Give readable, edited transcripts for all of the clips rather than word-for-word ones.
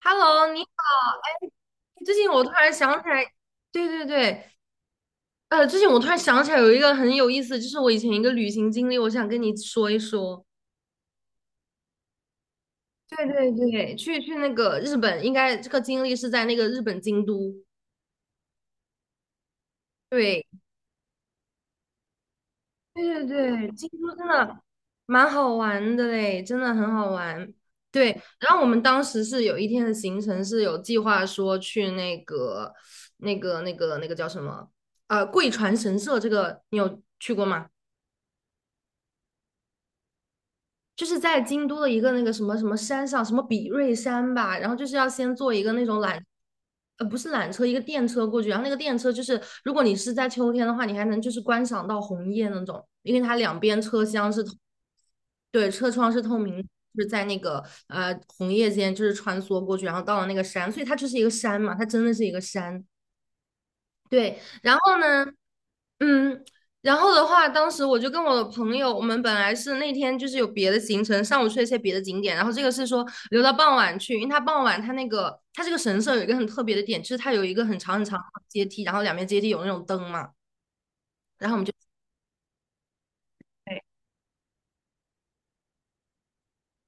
Hello，你好。哎最近我突然想起来，对对对，最近我突然想起来有一个很有意思，就是我以前一个旅行经历，我想跟你说一说。对对对，去那个日本，应该这个经历是在那个日本京都。对，对对对，京都真的蛮好玩的嘞，真的很好玩。对，然后我们当时是有一天的行程是有计划说去那个叫什么？贵船神社，这个你有去过吗？就是在京都的一个那个什么什么山上，什么比瑞山吧，然后就是要先坐一个那种缆，不是缆车，一个电车过去，然后那个电车就是，如果你是在秋天的话，你还能就是观赏到红叶那种，因为它两边车厢是对，车窗是透明，就是在那个红叶间就是穿梭过去，然后到了那个山，所以它就是一个山嘛，它真的是一个山。对，然后呢，嗯，然后的话，当时我就跟我的朋友，我们本来是那天就是有别的行程，上午去了一些别的景点，然后这个是说留到傍晚去，因为它傍晚它那个它这个神社有一个很特别的点，就是它有一个很长很长的阶梯，然后两边阶梯有那种灯嘛，然后我们就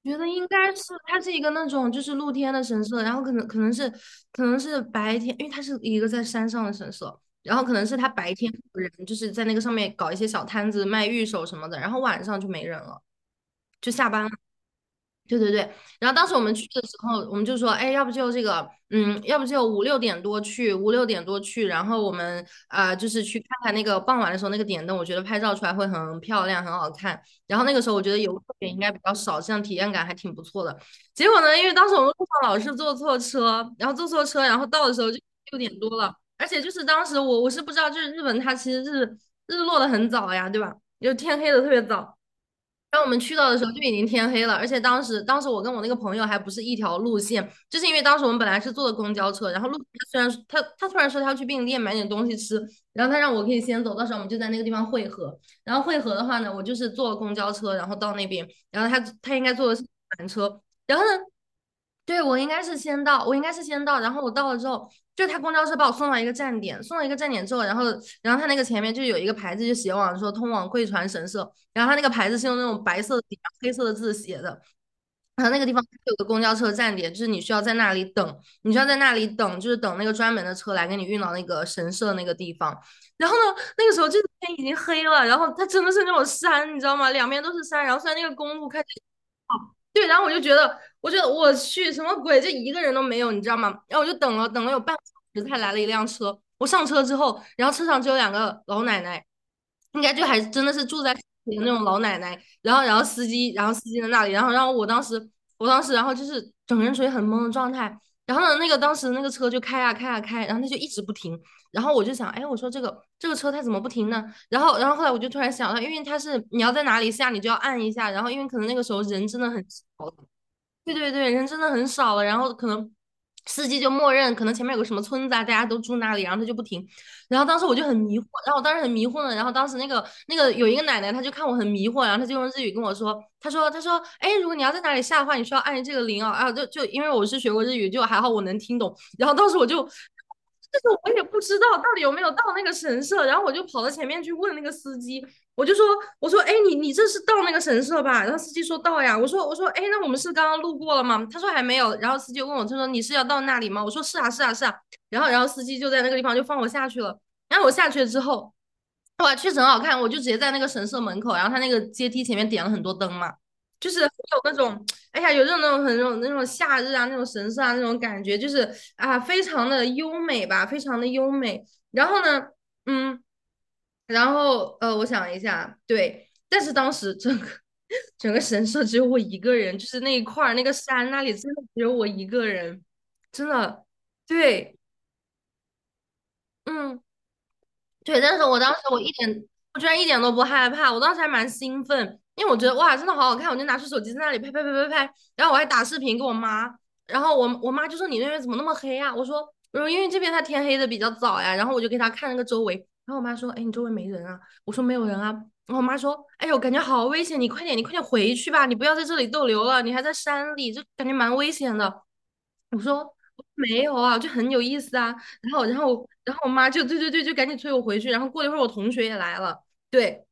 觉得应该是它是一个那种就是露天的神社，然后可能是白天，因为它是一个在山上的神社，然后可能是它白天有人就是在那个上面搞一些小摊子卖玉手什么的，然后晚上就没人了，就下班。对对对，然后当时我们去的时候，我们就说，哎，要不就这个，嗯，要不就五六点多去，五六点多去，然后我们啊、就是去看看那个傍晚的时候那个点灯，我觉得拍照出来会很漂亮，很好看。然后那个时候我觉得游客也应该比较少，这样体验感还挺不错的。结果呢，因为当时我们路上老是坐错车，然后坐错车，然后到的时候就六点多了，而且就是当时我是不知道，就是日本它其实是日落的很早呀，对吧？就天黑的特别早。当我们去到的时候就已经天黑了，而且当时我跟我那个朋友还不是一条路线，就是因为当时我们本来是坐的公交车，然后路他虽然说他突然说他要去便利店买点东西吃，然后他让我可以先走，到时候我们就在那个地方汇合。然后汇合的话呢，我就是坐了公交车，然后到那边，然后他应该坐的是缆车，然后呢，对我应该是先到，我应该是先到，然后我到了之后，就他公交车把我送到一个站点，送到一个站点之后，然后他那个前面就有一个牌子就写往说通往贵船神社。然后它那个牌子是用那种白色的底啊，然后黑色的字写的。然后那个地方有个公交车站点，就是你需要在那里等，你需要在那里等，就是等那个专门的车来给你运到那个神社那个地方。然后呢，那个时候就是天已经黑了，然后它真的是那种山，你知道吗？两边都是山，然后虽然那个公路对，然后我就觉得，我觉得我去什么鬼，这一个人都没有，你知道吗？然后我就等了有半个小时，才来了一辆车。我上车之后，然后车上只有两个老奶奶，应该就还真的是住在市里的那种老奶奶。然后，然后司机在那里，然后，然后我当时，我当时，然后就是整个人处于很懵的状态。然后呢，那个当时那个车就开啊开啊开，然后它就一直不停。然后我就想，哎，我说这个车它怎么不停呢？然后后来我就突然想到，因为它是你要在哪里下，你就要按一下。然后，因为可能那个时候人真的很对对对，人真的很少了，然后可能司机就默认，可能前面有个什么村子啊，大家都住那里，然后他就不停。然后当时我就很迷惑，然后我当时很迷惑呢，然后当时那个有一个奶奶，她就看我很迷惑，然后她就用日语跟我说，她说，哎，如果你要在哪里下的话，你需要按这个铃哦，啊，就因为我是学过日语，就还好我能听懂。然后当时我就，就是我也不知道到底有没有到那个神社，然后我就跑到前面去问那个司机，我就说，我说，哎，你这是到那个神社吧？然后司机说到呀。我说，哎，那我们是刚刚路过了吗？他说还没有。然后司机问我，他说你是要到那里吗？我说是啊，是啊，是啊。然后司机就在那个地方就放我下去了。然后我下去了之后，哇，确实很好看。我就直接在那个神社门口，然后他那个阶梯前面点了很多灯嘛，就是有那种，哎呀，有这种那种很那种夏日啊，那种神社啊那种感觉，就是啊，非常的优美吧，非常的优美。然后呢，嗯。然后我想一下，对，但是当时整个 整个神社只有我一个人，就是那一块儿那个山那里真的只有我一个人，真的，对，嗯。对，但是我居然一点都不害怕，我当时还蛮兴奋，因为我觉得哇，真的好好看，我就拿出手机在那里拍拍拍拍拍，然后我还打视频给我妈，然后我妈就说你那边怎么那么黑啊？我说因为这边它天黑的比较早呀，然后我就给她看那个周围，然后我妈说哎你周围没人啊？我说没有人啊，然后我妈说哎呦感觉好危险，你快点回去吧，你不要在这里逗留了，你还在山里，就感觉蛮危险的。我说没有啊，就很有意思啊。然后我妈就对对对，就赶紧催我回去。然后过了一会儿，我同学也来了，对，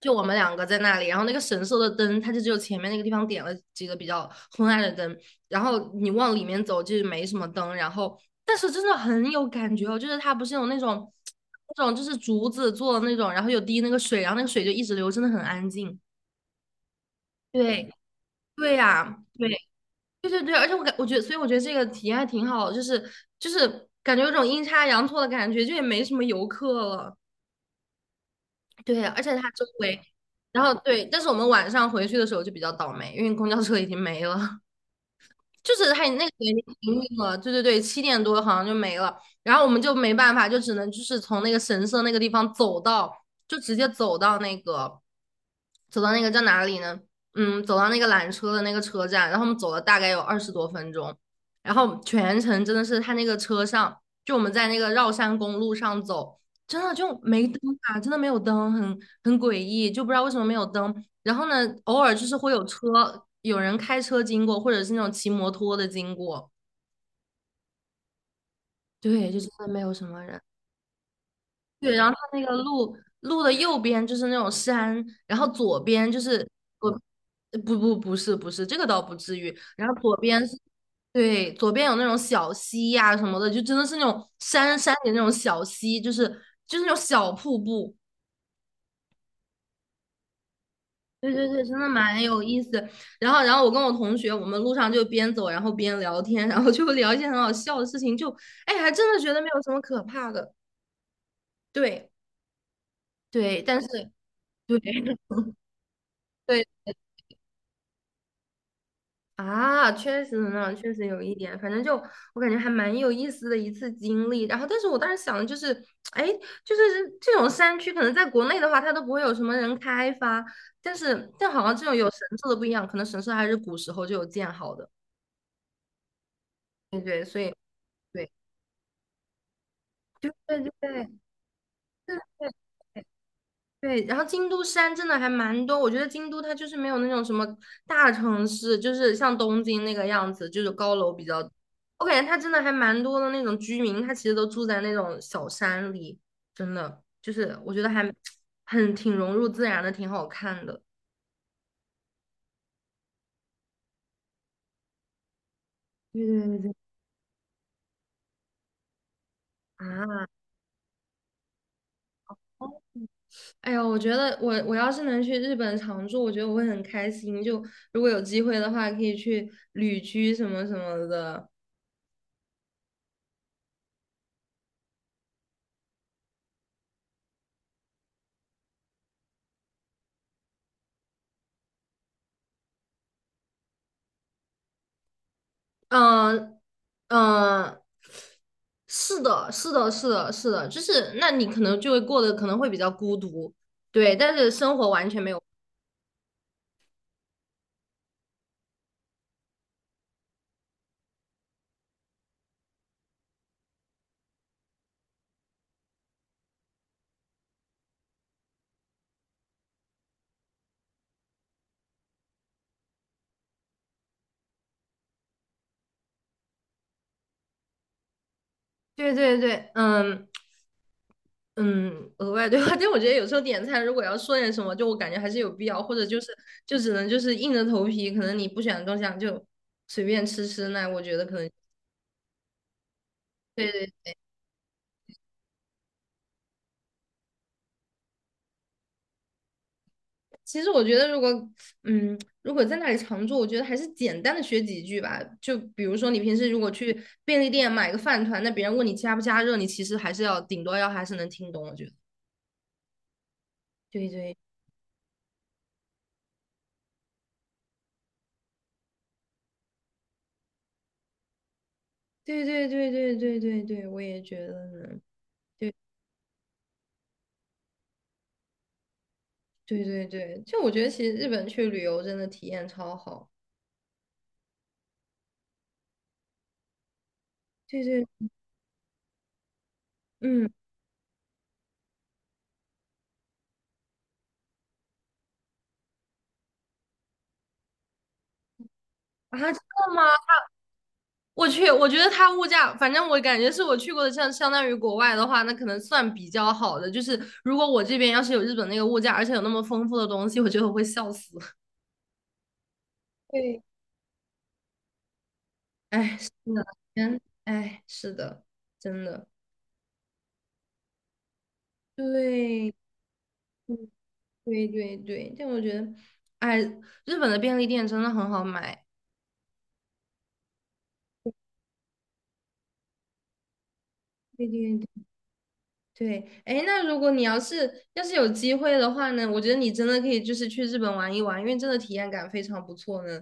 就我们两个在那里。然后那个神社的灯，它就只有前面那个地方点了几个比较昏暗的灯，然后你往里面走就没什么灯。然后，但是真的很有感觉哦，就是它不是有那种就是竹子做的那种，然后有滴那个水，然后那个水就一直流，真的很安静。对，对呀、对。对对对，而且我觉得，所以我觉得这个体验还挺好的，就是感觉有种阴差阳错的感觉，就也没什么游客了。对，而且它周围，然后对，但是我们晚上回去的时候就比较倒霉，因为公交车已经没了。就是他那个年龄停运了，对对对，七点多好像就没了，然后我们就没办法，就只能就是从那个神社那个地方走到，就直接走到那个，走到那个叫哪里呢？走到那个缆车的那个车站，然后我们走了大概有二十多分钟，然后全程真的是他那个车上，就我们在那个绕山公路上走，真的就没灯啊，真的没有灯，很诡异，就不知道为什么没有灯。然后呢，偶尔就是会有车，有人开车经过，或者是那种骑摩托的经过。对，就真的没有什么人。对，然后它那个路的右边就是那种山，然后左边就是我，呃不不不是不是，这个倒不至于。然后左边是对，左边有那种小溪呀、什么的，就真的是那种山里那种小溪，就是那种小瀑布。对对对，真的蛮有意思。然后我跟我同学，我们路上就边走，然后边聊天，然后就聊一些很好笑的事情，就，哎，还真的觉得没有什么可怕的。对对，但是对 对啊，确实呢，确实有一点，反正就我感觉还蛮有意思的一次经历。然后，但是我当时想的就是，哎，就是这种山区，可能在国内的话，它都不会有什么人开发，但好像这种有神社的不一样，可能神社还是古时候就有建好的。对对，所以。对。对对对对对对对，然后京都山真的还蛮多，我觉得京都它就是没有那种什么大城市，就是像东京那个样子，就是高楼比较，我感觉它真的还蛮多的那种居民，他其实都住在那种小山里，真的就是我觉得还很挺融入自然的，挺好看的。对对对对啊。哎呦，我觉得我要是能去日本常住，我觉得我会很开心。就如果有机会的话，可以去旅居什么什么的。嗯嗯，是的，是的，是的，是的，就是那你可能就会过得可能会比较孤独，对，但是生活完全没有。对对对，嗯嗯，额外对话，但我觉得有时候点菜如果要说点什么，就我感觉还是有必要，或者就只能就是硬着头皮，可能你不喜欢的东西啊就随便吃吃，那我觉得可能对对其实我觉得，如果在那里常住，我觉得还是简单的学几句吧。就比如说，你平时如果去便利店买个饭团，那别人问你加不加热，你其实还是要顶多要还是能听懂。我觉得，对对对对对对对对对，我也觉得呢。对对对对，就我觉得其实日本去旅游真的体验超好。对对，嗯啊，真的吗？我去，我觉得它物价，反正我感觉是我去过的，像相当于国外的话，那可能算比较好的。就是如果我这边要是有日本那个物价，而且有那么丰富的东西，我觉得我会笑死。对，哎，是的，天，哎，是的，真的，对，嗯对对对，但我觉得，哎，日本的便利店真的很好买。对对对，对，哎，那如果你要是有机会的话呢，我觉得你真的可以就是去日本玩一玩，因为真的体验感非常不错呢。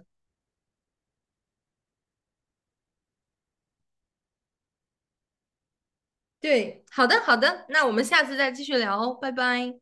对，好的，好的，那我们下次再继续聊哦，拜拜。